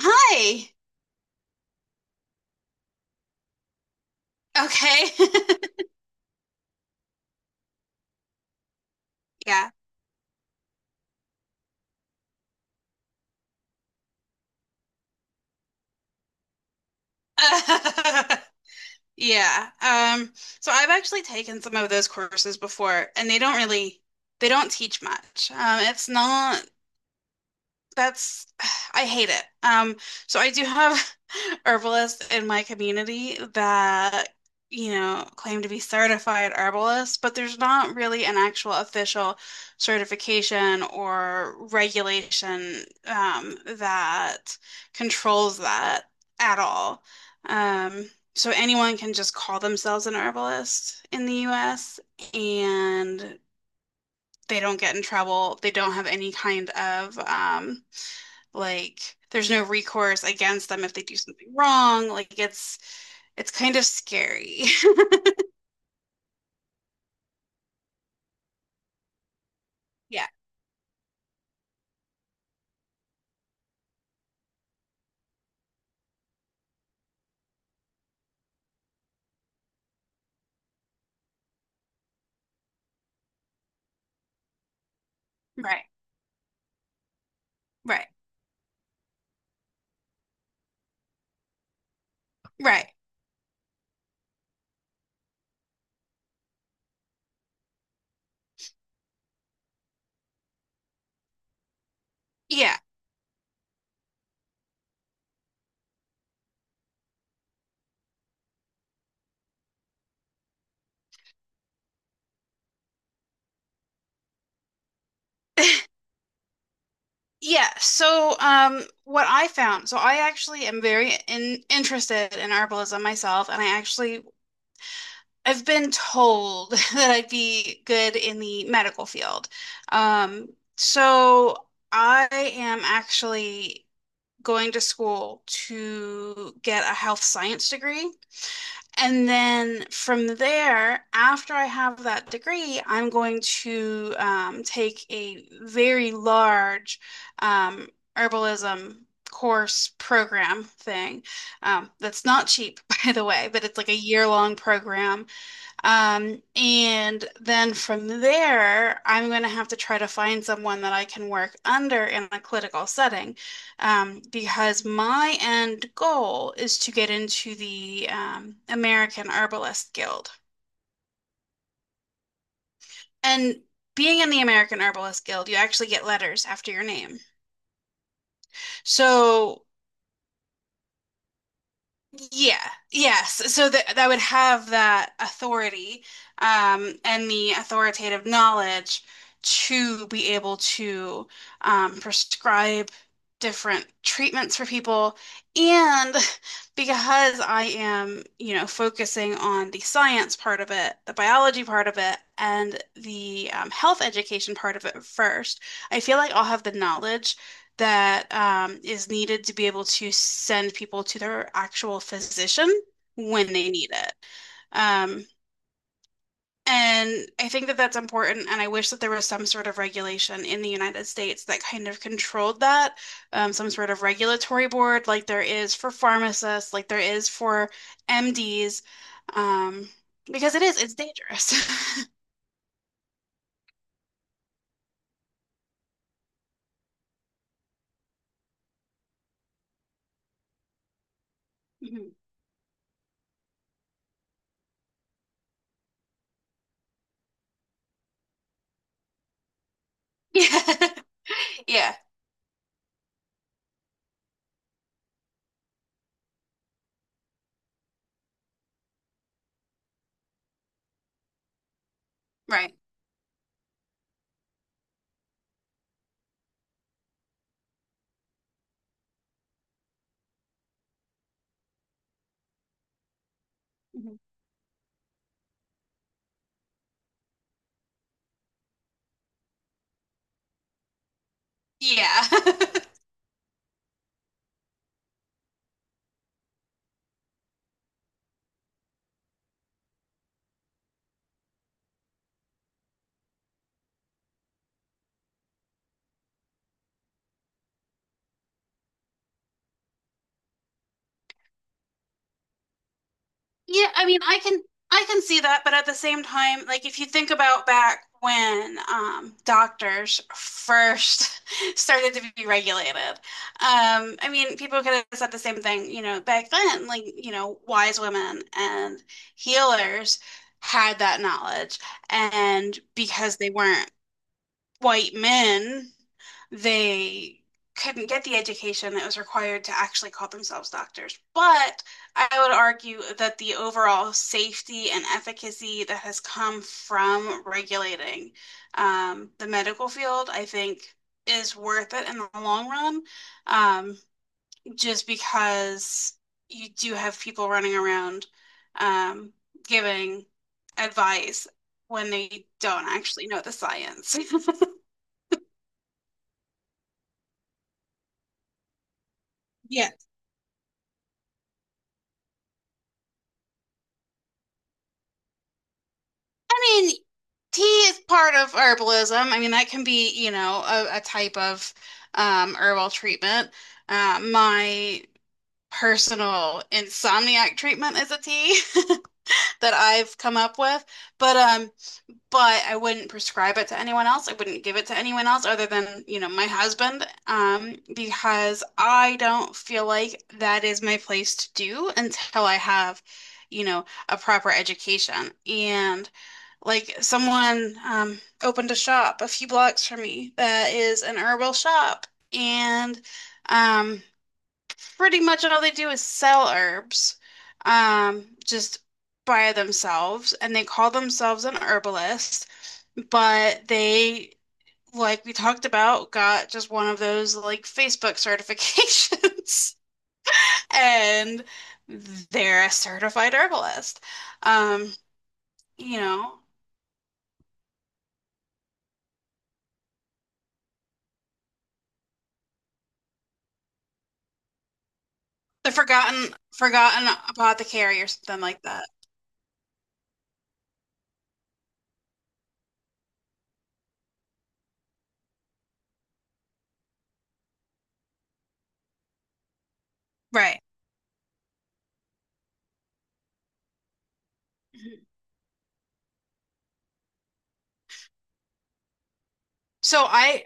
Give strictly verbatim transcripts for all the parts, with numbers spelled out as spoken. Hi. Okay. Yeah. Uh, yeah. Um, so I've actually taken some of those courses before, and they don't really they don't teach much. Um, it's not That's I hate it. Um, so I do have herbalists in my community that, you know, claim to be certified herbalists, but there's not really an actual official certification or regulation um, that controls that at all. Um, so anyone can just call themselves an herbalist in the U S and they don't get in trouble. They don't have any kind of um like there's no recourse against them if they do something wrong. Like it's it's kind of scary. Yeah, right, right, right. Yeah. Yeah, so um, what I found, so I actually am very in, interested in herbalism myself, and I actually I've been told that I'd be good in the medical field. Um, so I am actually going to school to get a health science degree. And then from there, after I have that degree, I'm going to um, take a very large um, herbalism course program thing. Um, that's not cheap, by the way, but it's like a year-long program um, and then from there, I'm going to have to try to find someone that I can work under in a clinical setting, um, because my end goal is to get into the um, American Herbalist Guild. And being in the American Herbalist Guild, you actually get letters after your name. So yeah, yes. So that that would have that authority, um, and the authoritative knowledge to be able to um, prescribe different treatments for people. And because I am, you know, focusing on the science part of it, the biology part of it, and the um, health education part of it first, I feel like I'll have the knowledge that um, is needed to be able to send people to their actual physician when they need it. Um, and I think that that's important. And I wish that there was some sort of regulation in the United States that kind of controlled that, um, some sort of regulatory board like there is for pharmacists, like there is for M Ds, um, because it is, it's dangerous. Mhm. Yeah. Yeah. Right. Mhm. Yeah. Yeah, I mean, I can I can see that, but at the same time, like if you think about back when um, doctors first started to be regulated, um, I mean, people could have said the same thing, you know, back then, like, you know, wise women and healers had that knowledge, and because they weren't white men, they couldn't get the education that was required to actually call themselves doctors. But I would argue that the overall safety and efficacy that has come from regulating um, the medical field, I think, is worth it in the long run, um, just because you do have people running around um, giving advice when they don't actually know the science. Yeah, I mean, tea is part of herbalism. I mean, that can be, you know, a, a type of um, herbal treatment. Uh, my personal insomniac treatment is a tea that I've come up with. But um, but I wouldn't prescribe it to anyone else. I wouldn't give it to anyone else other than, you know, my husband, um, because I don't feel like that is my place to do until I have, you know, a proper education. And like someone um, opened a shop a few blocks from me that is an herbal shop, and um, pretty much all they do is sell herbs, um, just by themselves, and they call themselves an herbalist. But they, like we talked about, got just one of those like Facebook certifications and they're a certified herbalist. Um, you know, the forgotten forgotten apothecary or something like that. Right. Mhm. So I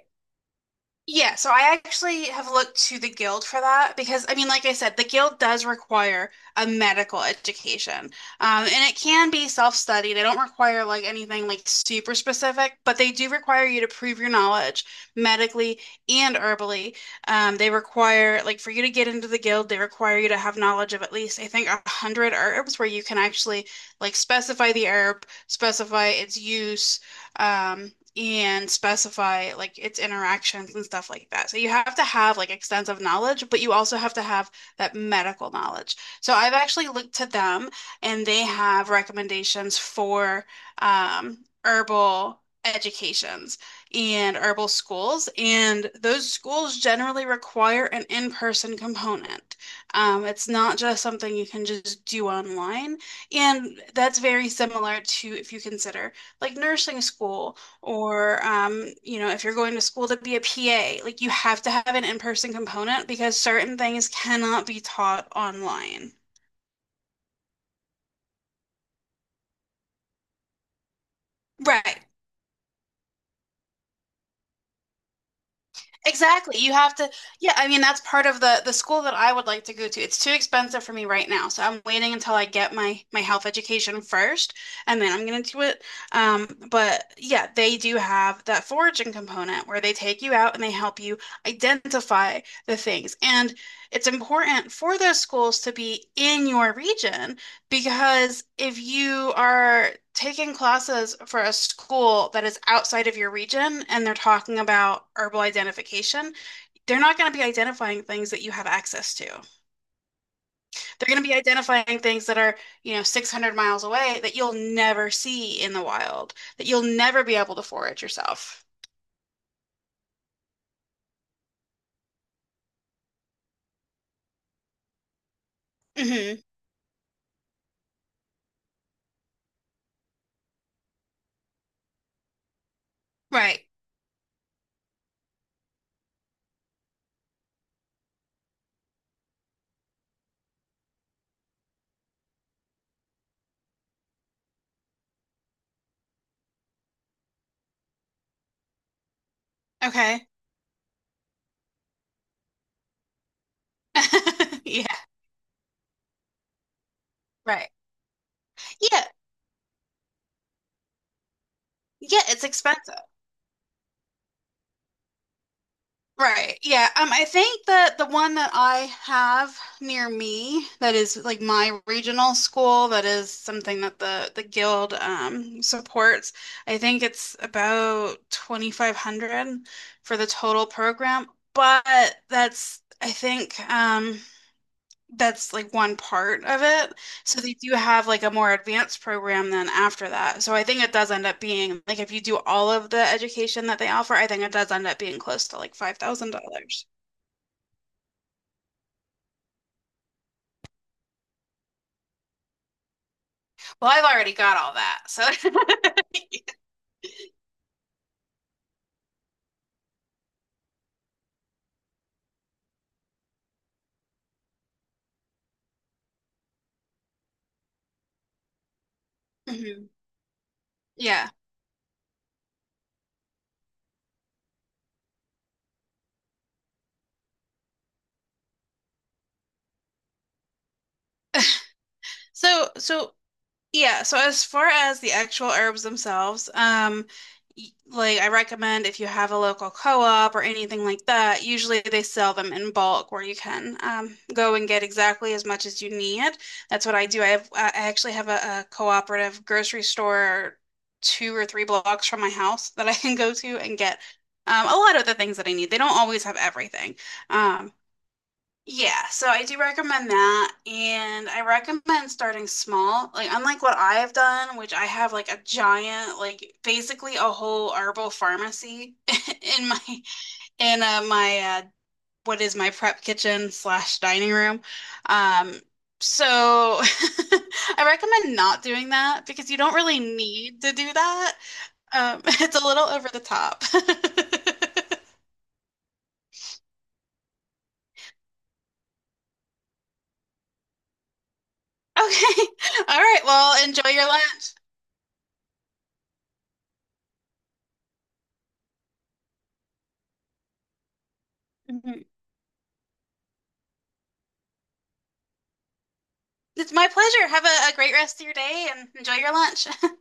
Yeah, so I actually have looked to the guild for that because I mean, like I said, the guild does require a medical education. Um, and it can be self-study. They don't require like anything like super specific, but they do require you to prove your knowledge medically and herbally. Um, they require like for you to get into the guild, they require you to have knowledge of at least I think a hundred herbs where you can actually like specify the herb, specify its use um, and specify like its interactions and stuff like that. So you have to have like extensive knowledge, but you also have to have that medical knowledge. So I've actually looked to them and they have recommendations for um, herbal educations and herbal schools. And those schools generally require an in-person component. Um, it's not just something you can just do online. And that's very similar to if you consider like nursing school or um, you know, if you're going to school to be a P A, like you have to have an in-person component because certain things cannot be taught online. Right. Exactly. You have to, yeah, I mean that's part of the the school that I would like to go to. It's too expensive for me right now, so I'm waiting until I get my my health education first, and then I'm gonna do it. Um, but yeah, they do have that foraging component where they take you out and they help you identify the things. And it's important for those schools to be in your region because if you are taking classes for a school that is outside of your region and they're talking about herbal identification, they're not going to be identifying things that you have access to. They're going to be identifying things that are, you know, six hundred miles away that you'll never see in the wild, that you'll never be able to forage yourself. Hmm. Right. Okay. Yeah. Right. Yeah. Yeah. It's expensive. Right. Yeah. Um, I think that the one that I have near me that is like my regional school that is something that the the guild um supports. I think it's about twenty-five hundred for the total program, but that's I think um that's like one part of it. So they do have like a more advanced program then after that. So I think it does end up being like if you do all of the education that they offer, I think it does end up being close to like five thousand dollars. Well, I've already got all that. So Mhm. Yeah. So so yeah, so as far as the actual herbs themselves, um, y- like I recommend if you have a local co-op or anything like that, usually they sell them in bulk where you can um, go and get exactly as much as you need. That's what I do. I have, I I actually have a, a cooperative grocery store two or three blocks from my house that I can go to and get um, a lot of the things that I need. They don't always have everything. Um, yeah, so I do recommend that. And I recommend starting small. Like, unlike what I have done, which I have like a giant, like basically a whole herbal pharmacy in my, in uh, my, uh, what is my prep kitchen slash dining room. Um, so I recommend not doing that because you don't really need to do that. Um, it's a little over the top. Okay. All right. Well, enjoy your lunch. Mhm. It's my pleasure. Have a, a great rest of your day and enjoy your lunch.